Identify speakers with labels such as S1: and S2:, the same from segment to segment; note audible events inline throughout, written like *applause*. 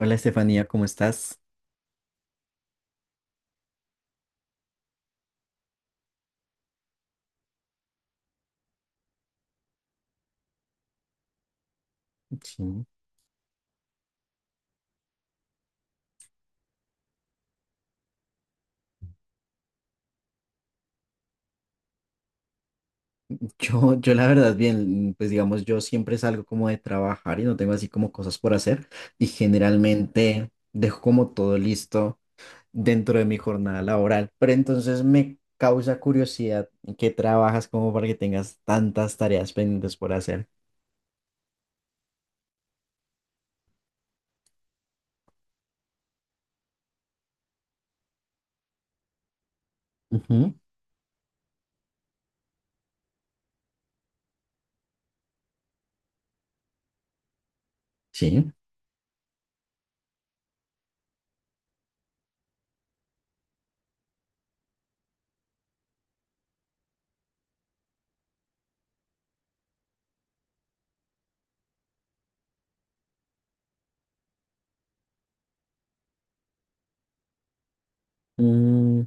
S1: Hola Estefanía, ¿cómo estás? Sí. Yo la verdad bien, pues digamos, yo siempre salgo como de trabajar y no tengo así como cosas por hacer y generalmente dejo como todo listo dentro de mi jornada laboral, pero entonces me causa curiosidad en qué trabajas como para que tengas tantas tareas pendientes por hacer. Ujú. Sí. Mm,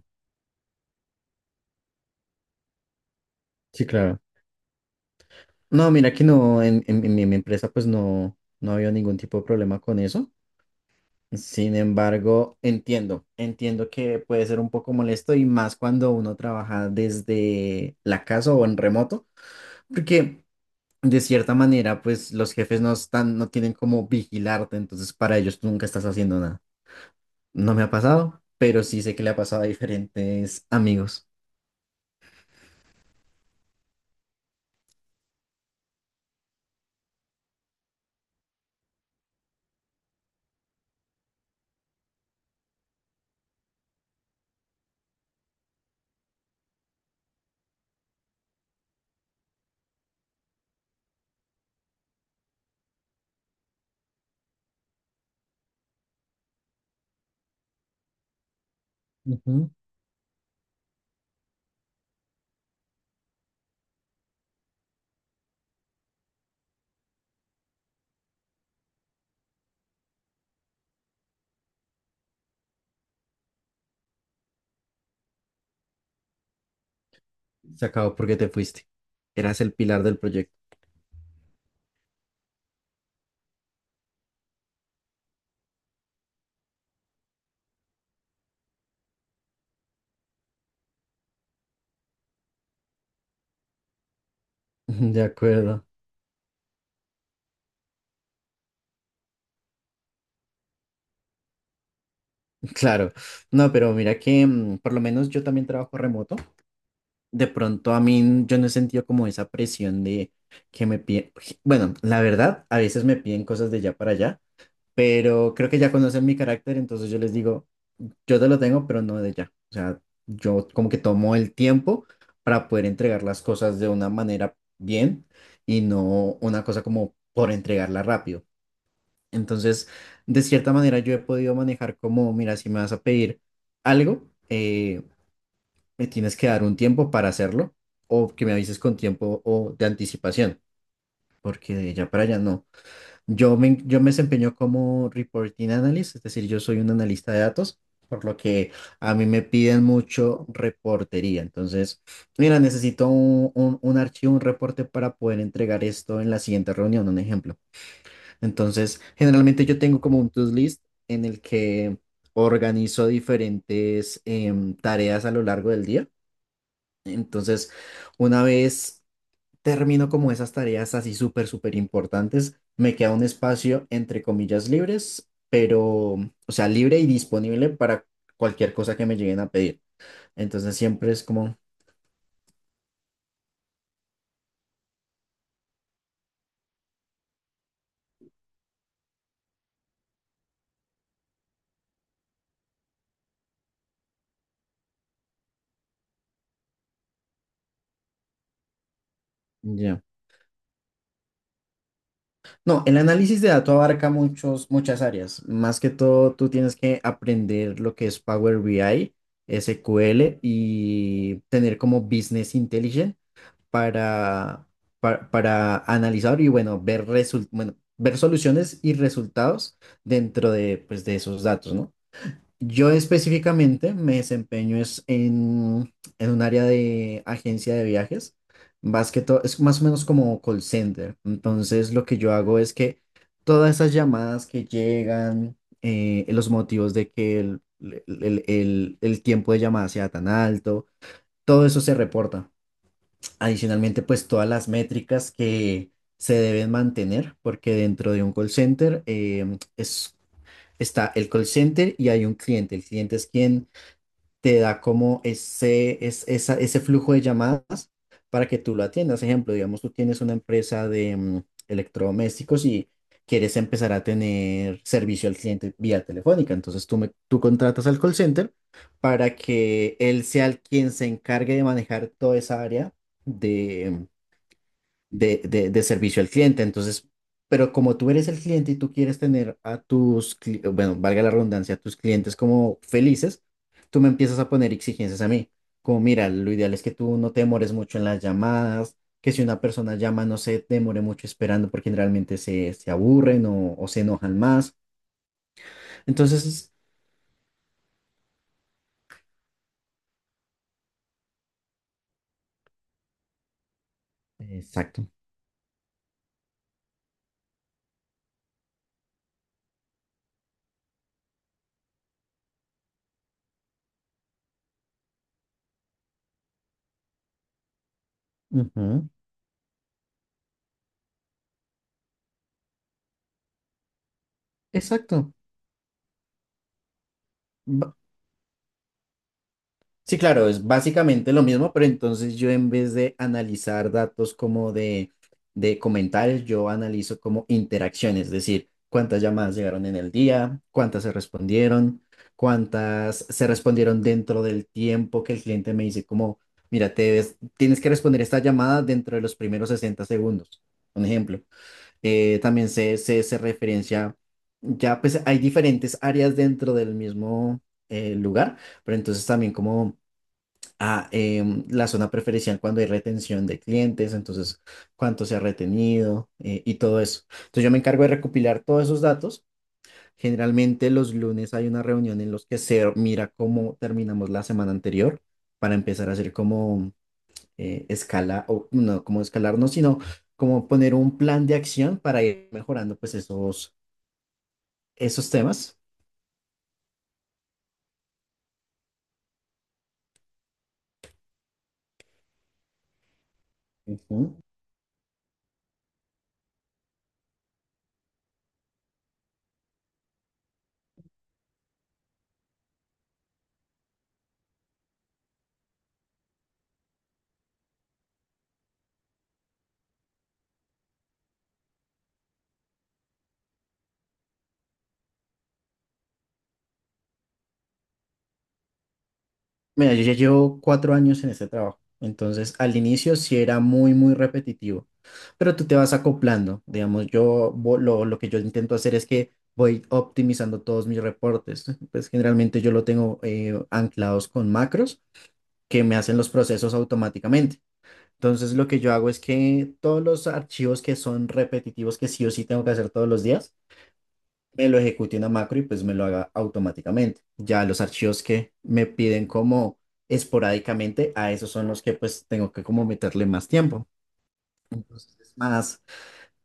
S1: sí, claro. No, mira que no, en mi empresa pues no, no había ningún tipo de problema con eso. Sin embargo, entiendo, entiendo que puede ser un poco molesto y más cuando uno trabaja desde la casa o en remoto, porque de cierta manera, pues los jefes no están, no tienen como vigilarte, entonces para ellos tú nunca estás haciendo nada. No me ha pasado, pero sí sé que le ha pasado a diferentes amigos. Ujú. Se acabó porque te fuiste. Eras el pilar del proyecto. *laughs* De acuerdo, claro. No, pero mira que por lo menos yo también trabajo remoto. De pronto a mí yo no he sentido como esa presión de que me piden, bueno, la verdad, a veces me piden cosas de allá para allá, pero creo que ya conocen mi carácter, entonces yo les digo, yo te lo tengo, pero no de ya. O sea, yo como que tomo el tiempo para poder entregar las cosas de una manera bien y no una cosa como por entregarla rápido. Entonces, de cierta manera yo he podido manejar como, mira, si me vas a pedir algo, me tienes que dar un tiempo para hacerlo o que me avises con tiempo o de anticipación, porque de allá para allá no. Yo me desempeño como reporting analyst, es decir, yo soy un analista de datos, por lo que a mí me piden mucho reportería. Entonces, mira, necesito un archivo, un reporte para poder entregar esto en la siguiente reunión, un ejemplo. Entonces, generalmente yo tengo como un to-do list en el que organizo diferentes tareas a lo largo del día, entonces, una vez termino como esas tareas así súper, súper importantes, me queda un espacio entre comillas libres, pero, o sea, libre y disponible para cualquier cosa que me lleguen a pedir. Entonces, siempre es como, ya. No, el análisis de datos abarca muchas áreas. Más que todo, tú tienes que aprender lo que es Power BI, SQL y tener como Business Intelligence para, para analizar y bueno, bueno, ver soluciones y resultados dentro de, pues, de esos datos, ¿no? Yo específicamente me desempeño es en un área de agencia de viajes, más que todo, es más o menos como call center. Entonces, lo que yo hago es que todas esas llamadas que llegan, los motivos de que el tiempo de llamada sea tan alto, todo eso se reporta. Adicionalmente, pues todas las métricas que se deben mantener, porque dentro de un call center está el call center y hay un cliente. El cliente es quien te da como ese flujo de llamadas para que tú lo atiendas. Ejemplo, digamos, tú tienes una empresa de electrodomésticos y quieres empezar a tener servicio al cliente vía telefónica. Entonces tú contratas al call center para que él sea el quien se encargue de manejar toda esa área de servicio al cliente. Entonces, pero como tú eres el cliente y tú quieres tener a bueno, valga la redundancia, a tus clientes como felices, tú me empiezas a poner exigencias a mí. Como, mira, lo ideal es que tú no te demores mucho en las llamadas, que si una persona llama no se demore mucho esperando porque generalmente se aburren o se enojan más. Entonces, exacto. Ujú. Exacto. Sí, claro, es básicamente lo mismo, pero entonces yo en vez de analizar datos como de comentarios, yo analizo como interacciones, es decir, cuántas llamadas llegaron en el día, cuántas se respondieron dentro del tiempo que el cliente me dice como, mira, tienes que responder esta llamada dentro de los primeros 60 segundos, un ejemplo. También se referencia, ya pues hay diferentes áreas dentro del mismo lugar, pero entonces también como a la zona preferencial cuando hay retención de clientes, entonces cuánto se ha retenido y todo eso. Entonces yo me encargo de recopilar todos esos datos. Generalmente los lunes hay una reunión en los que se mira cómo terminamos la semana anterior para empezar a hacer como o no como escalar, no, sino como poner un plan de acción para ir mejorando pues esos, esos temas. Ujú. Mira, yo ya llevo 4 años en este trabajo, entonces al inicio sí era muy, muy repetitivo, pero tú te vas acoplando, digamos, lo que yo intento hacer es que voy optimizando todos mis reportes, *laughs* pues generalmente yo lo tengo anclados con macros que me hacen los procesos automáticamente. Entonces lo que yo hago es que todos los archivos que son repetitivos, que sí o sí tengo que hacer todos los días, me lo ejecute una macro y pues me lo haga automáticamente. Ya los archivos que me piden como esporádicamente, a esos son los que pues tengo que como meterle más tiempo. Entonces, es más,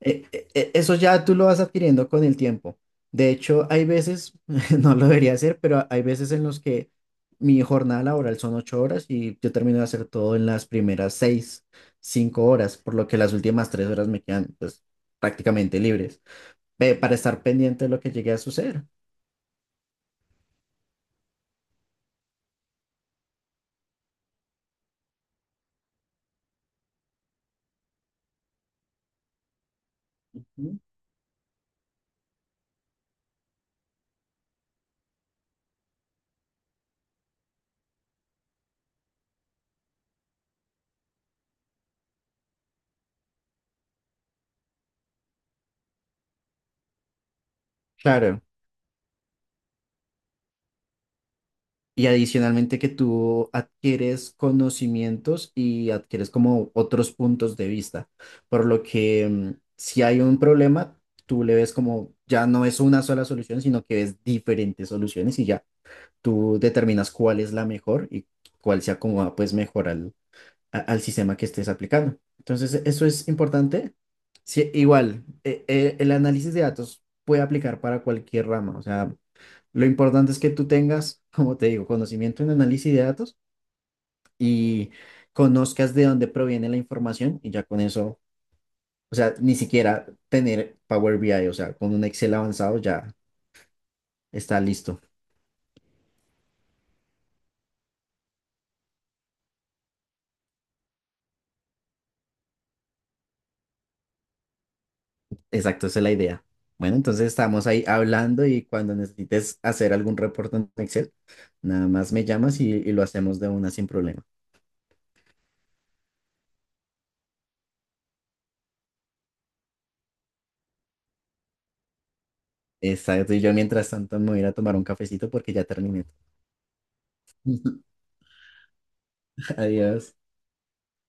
S1: eso ya tú lo vas adquiriendo con el tiempo. De hecho, hay veces, *laughs* no lo debería hacer, pero hay veces en los que mi jornada laboral son 8 horas y yo termino de hacer todo en las cinco horas, por lo que las últimas 3 horas me quedan pues prácticamente libres, para estar pendiente de lo que llegue a suceder. Mm. Claro. Y adicionalmente que tú adquieres conocimientos y adquieres como otros puntos de vista, por lo que si hay un problema, tú le ves como ya no es una sola solución, sino que ves diferentes soluciones y ya tú determinas cuál es la mejor y cuál se acomoda pues mejor al, al sistema que estés aplicando. Entonces, eso es importante. Sí, igual, el análisis de datos puede aplicar para cualquier rama, o sea... Lo importante es que tú tengas, como te digo, conocimiento en análisis de datos y conozcas de dónde proviene la información y ya con eso, o sea, ni siquiera tener Power BI, o sea, con un Excel avanzado ya está listo. Exacto, esa es la idea. Bueno, entonces estamos ahí hablando y cuando necesites hacer algún reporte en Excel, nada más me llamas y lo hacemos de una sin problema. Exacto, y yo mientras tanto me voy a ir a tomar un cafecito porque ya terminé. *laughs* Adiós.